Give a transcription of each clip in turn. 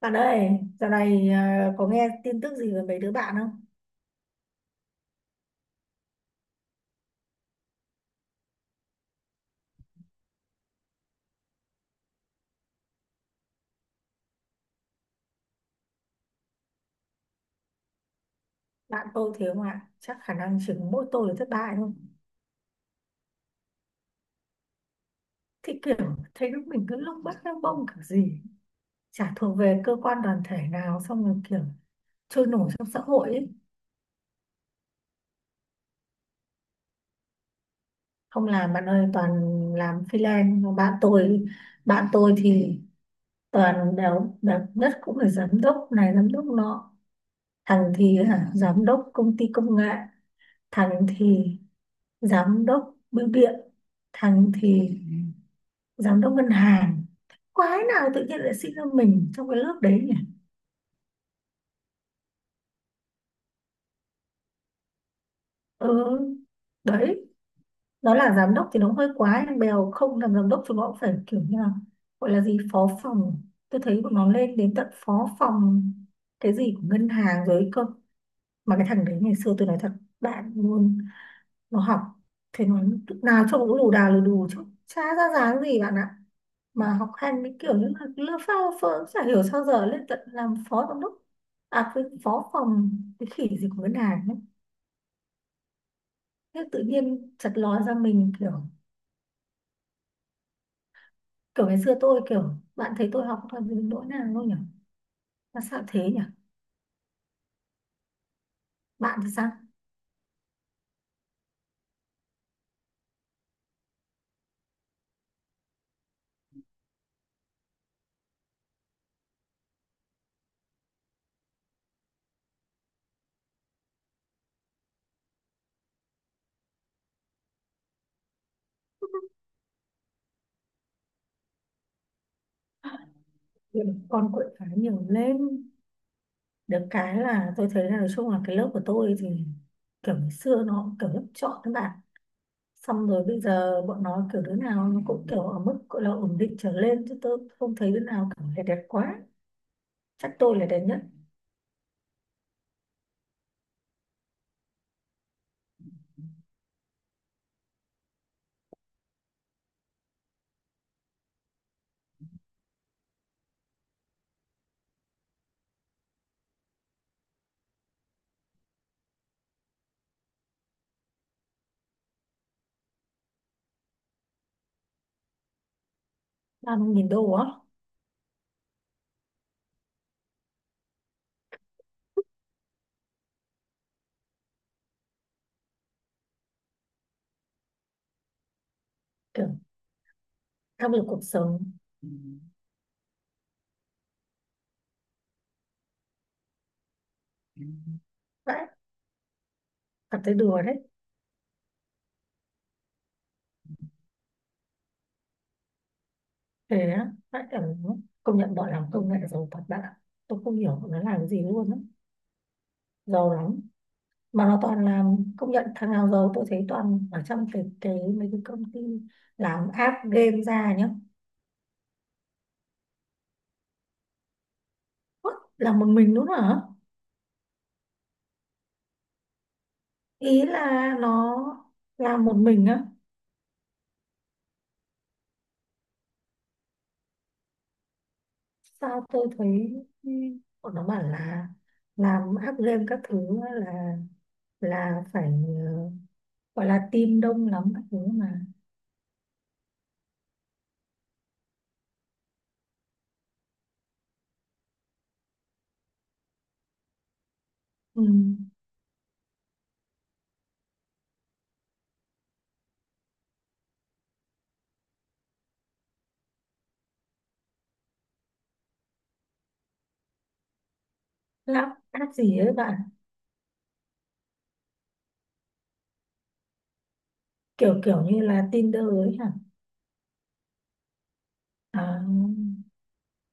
Bạn ơi, dạo này có nghe tin tức gì về mấy đứa bạn không? Bạn tôi thế không ạ? Chắc khả năng chỉ có mỗi tôi là thất bại thôi. Thì kiểu thấy lúc mình cứ lúc bắt lông bông kiểu gì. Chả thuộc về cơ quan đoàn thể nào xong rồi kiểu trôi nổi trong xã hội ấy. Không làm bạn ơi, toàn làm freelance. Mà bạn tôi, bạn tôi thì toàn đều đẹp nhất cũng là giám đốc này, giám đốc nọ. Thằng thì hả, giám đốc công ty công nghệ. Thằng thì giám đốc bưu điện, thằng thì giám đốc ngân hàng. Quái nào tự nhiên lại sinh ra mình trong cái lớp đấy nhỉ. Ừ, đấy, nó là giám đốc thì nó hơi quá nhưng bèo không làm giám đốc chúng nó cũng phải kiểu như là gọi là gì phó phòng. Tôi thấy bọn nó lên đến tận phó phòng cái gì của ngân hàng rồi cơ. Mà cái thằng đấy ngày xưa tôi nói thật bạn luôn, nó học, thế nó lúc nào trông cũng lù đà lù đù chứ chả ra dáng gì bạn ạ. Mà học hành cái kiểu như là lơ phao phơ cũng chả hiểu sao giờ lên tận làm phó giám đốc, à cái phó phòng cái khỉ gì của ngân hàng ấy. Thế tự nhiên chật ló ra mình kiểu, kiểu ngày xưa tôi kiểu bạn thấy tôi học toàn những nỗi nào đâu nhỉ, mà sao thế nhỉ? Bạn thì sao? Vậy con quậy phá nhiều lên. Được cái là tôi thấy là nói chung là cái lớp của tôi thì kiểu ngày xưa nó kiểu lớp chọn các bạn, xong rồi bây giờ bọn nó kiểu đứa nào nó cũng kiểu ở mức gọi là ổn định trở lên chứ tôi không thấy đứa nào kiểu là đẹp quá. Chắc tôi là đẹp nhất. 30.000 đô á? Kiểu áp lực cuộc sống. Vãi, cảm thấy đùa đấy. Thế á? Vãi cảm. Công nhận bọn làm công nghệ giàu thật bạn ạ. Tôi không hiểu bọn nó làm gì luôn á. Giàu lắm. Mà nó toàn là, công nhận thằng nào giàu tôi thấy toàn ở trong cái mấy cái công ty làm app game ra nhá. What? Là một mình đúng không hả? Ý là nó làm một mình á? Sao tôi thấy, ừ, bọn nó bảo là làm app game các thứ á là phải gọi là team đông lắm các thứ mà. Ừ. Làm app gì ấy bạn? Kiểu kiểu như là Tinder ấy hả? À,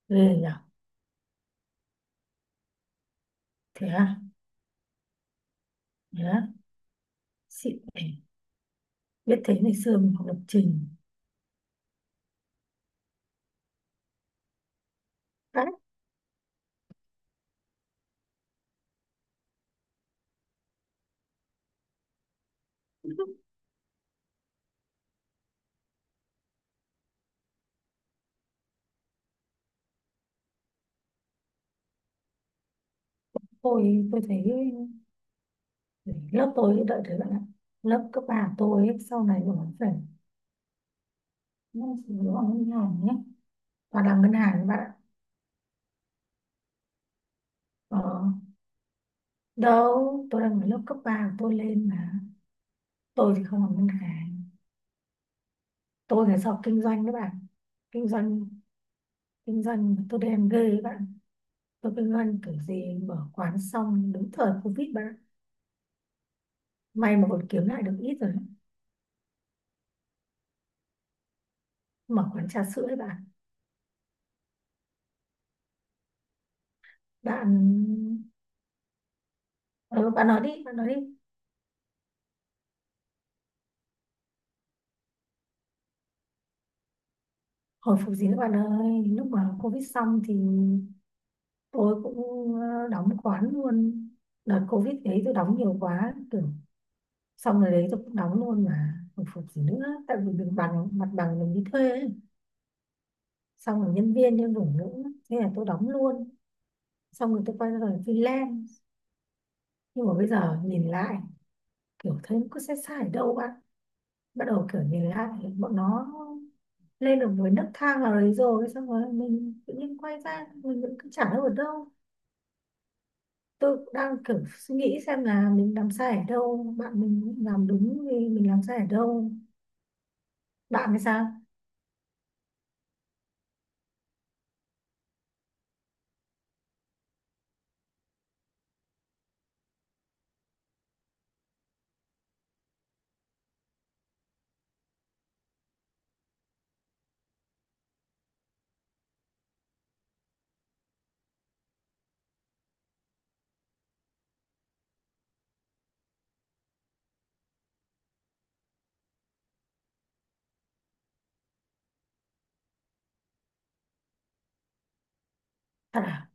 ghê nhở. Thế à? Thế à? Xịn nhỉ? Biết thế ngày xưa mình học lập trình. Đấy. Tôi thấy lớp tôi đợi thấy bạn ạ, lớp cấp ba của tôi ấy, sau này nó phải, nó phải vào ngân hàng nhé, và làm ngân hàng các bạn ạ. ờ, đâu tôi đang ở lớp cấp 3 của tôi lên mà, tôi thì không làm ngân hàng, tôi phải học kinh doanh các bạn. Kinh doanh, kinh doanh tôi đen ghê các bạn. Tôi kinh doanh kiểu gì mở quán xong đúng thời covid bạn ạ. May mà còn kiếm lại được ít rồi đấy. Mở quán trà sữa đấy bạn. Bạn, ừ, bạn nói đi, bạn nói đi. Hồi phục gì nữa bạn ơi, lúc mà Covid xong thì tôi cũng đóng quán luôn. Đợt Covid đấy tôi đóng nhiều quá, kiểu xong rồi đấy tôi cũng đóng luôn mà. Hồi phục gì nữa, tại vì mình bằng mặt bằng mình đi thuê ấy. Xong rồi nhân viên nhân đủ nữa, thế là tôi đóng luôn. Xong rồi tôi quay ra làm freelance. Nhưng mà bây giờ nhìn lại, kiểu thấy nó có sai sai ở đâu bạn. Bắt đầu kiểu nhìn lại, bọn nó lên được với nấc thang nào đấy rồi xong rồi mình tự nhiên quay ra mình vẫn cứ chẳng đâu ở đâu. Tôi cũng đang kiểu suy nghĩ xem là mình làm sai ở đâu bạn, mình làm đúng thì mình làm sai ở đâu. Bạn thì sao? Thật à?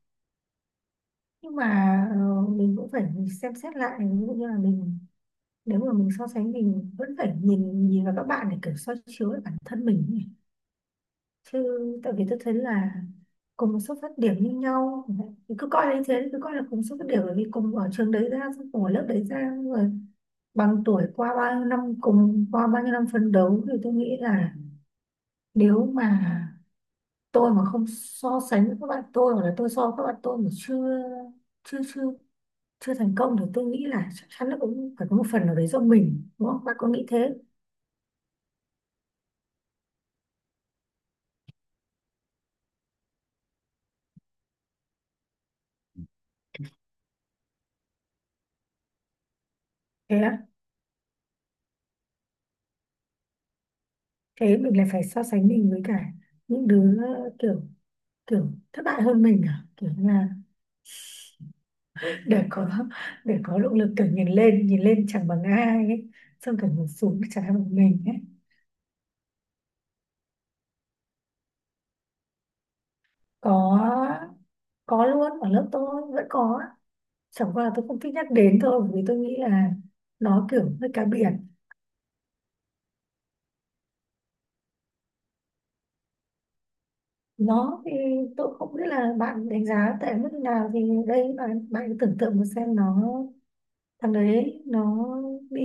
Nhưng mà mình cũng phải xem xét lại ví dụ như là mình, nếu mà mình so sánh mình vẫn phải nhìn nhìn vào các bạn để kiểu soi chiếu lại bản thân mình ấy. Chứ tại vì tôi thấy là cùng một xuất phát điểm như nhau, cứ coi là như thế, cứ coi là cùng xuất phát điểm bởi vì cùng ở trường đấy ra xong cùng ở lớp đấy ra xong rồi bằng tuổi qua bao nhiêu năm cùng qua bao nhiêu năm phấn đấu thì tôi nghĩ là, nếu mà tôi mà không so sánh với các bạn tôi hoặc là tôi so với các bạn tôi mà chưa, chưa chưa chưa thành công thì tôi nghĩ là chắc chắn là cũng phải có một phần nào đấy do mình, đúng không bạn có nghĩ thế? Thế á? Thế mình lại phải so sánh mình với cả những đứa kiểu, kiểu thất bại hơn mình à, kiểu như là để có, để có động lực kiểu nhìn lên, nhìn lên chẳng bằng ai ấy, xong kiểu mình xuống chả bằng mình ấy. có có luôn, ở lớp tôi vẫn có. Chẳng qua là tôi không thích nhắc đến thôi bởi vì tôi nghĩ là nó kiểu hơi cá biệt. Nó thì, tôi không biết là bạn đánh giá tệ mức nào thì, đây bạn bạn cứ tưởng tượng một xem nó, thằng đấy nó đi,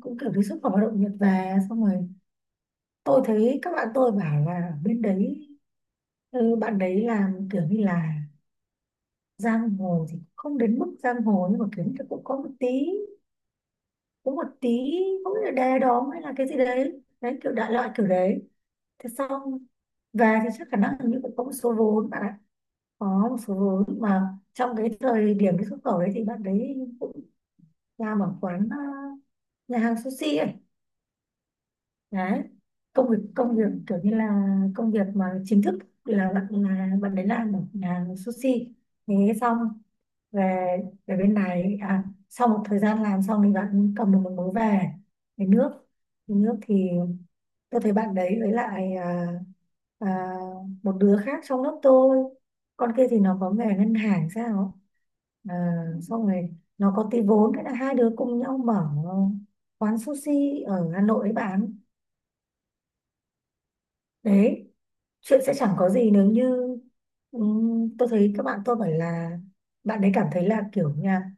cũng kiểu đi xuất khẩu lao động Nhật về xong rồi, tôi thấy các bạn tôi bảo là ở bên đấy, ừ, bạn đấy làm kiểu như là giang hồ thì không đến mức giang hồ nhưng mà kiểu như là cũng có một tí, có một tí không biết là đề đóm hay là cái gì đấy đấy kiểu đại loại kiểu đấy. Thế xong về thì chắc khả năng hình như cũng có một số vốn bạn ạ. Có một số vốn mà trong cái thời điểm cái xuất khẩu đấy thì bạn đấy cũng làm ở quán, nhà hàng sushi ấy. Đấy, công việc, công việc kiểu như là công việc mà chính thức là bạn đấy làm ở nhà sushi. Thế xong về, bên này à, sau một thời gian làm xong thì bạn cầm được một mối về, về nước. Về nước thì tôi thấy bạn đấy với lại à, một đứa khác trong lớp tôi, con kia thì nó có nghề ngân hàng sao, à, xong rồi nó có tí vốn, thế là hai đứa cùng nhau mở quán sushi ở Hà Nội ấy bán. Đấy, chuyện sẽ chẳng có gì nếu như, tôi thấy các bạn tôi bảo là bạn ấy cảm thấy là kiểu nha,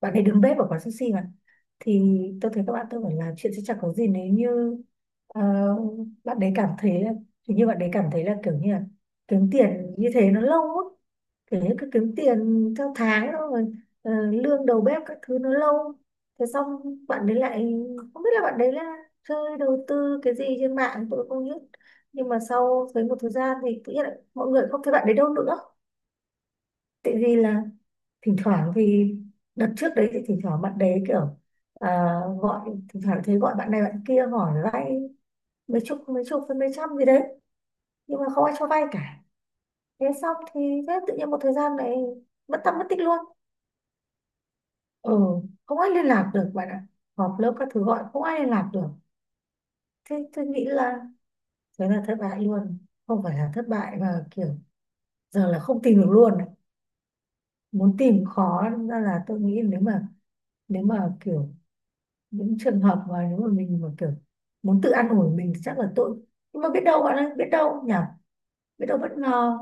bạn ấy đứng bếp ở quán sushi mà, thì tôi thấy các bạn tôi bảo là chuyện sẽ chẳng có gì nếu như ờ, bạn ấy cảm thấy là hình như bạn ấy cảm thấy là kiểu như là kiếm tiền như thế nó lâu á, kiểu như cứ kiếm tiền theo tháng đó rồi lương đầu bếp các thứ nó lâu. Thế xong bạn đấy lại, không biết là bạn đấy là chơi đầu tư cái gì trên mạng tôi không biết, nhưng mà sau thấy một thời gian thì tự nhiên lại mọi người không thấy bạn đấy đâu nữa, tại vì là thỉnh thoảng thì, đợt trước đấy thì thỉnh thoảng bạn đấy kiểu, à, gọi thỉnh thoảng thấy gọi bạn này bạn kia hỏi vay mấy chục, với mấy trăm gì đấy, nhưng mà không ai cho vay cả. Thế xong thì, thế tự nhiên một thời gian này mất tâm mất tích luôn. Ừ, không ai liên lạc được bạn ạ, họp lớp các thứ gọi không ai liên lạc được. Thế tôi nghĩ là thế là thất bại luôn. Không phải là thất bại mà kiểu giờ là không tìm được luôn ấy. Muốn tìm khó đâm ra là tôi nghĩ nếu mà, nếu mà kiểu những trường hợp mà nếu mà mình mà kiểu muốn tự an ủi mình thì chắc là tội. Nhưng mà biết đâu bạn ơi, biết đâu nhỉ, biết đâu bất ngờ,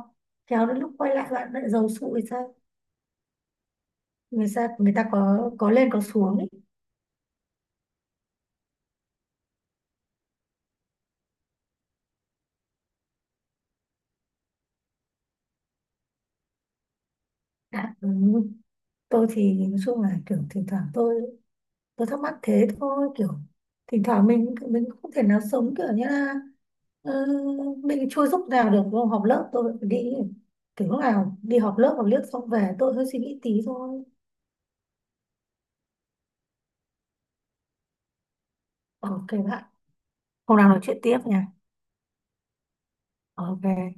khéo đến lúc quay lại bạn lại giàu sụ thì sao. Người ta, người ta có lên có xuống ấy. Đã, ừ. Tôi thì nói chung là kiểu thỉnh thoảng tôi thắc mắc thế thôi kiểu, thỉnh thoảng mình không thể nào sống kiểu như là ờ, mình chui lúc nào được vô họp lớp tôi phải đi, kiểu lúc nào đi họp lớp, xong về tôi hơi suy nghĩ tí thôi. Ok bạn, hôm nào nói chuyện tiếp nha. Ok.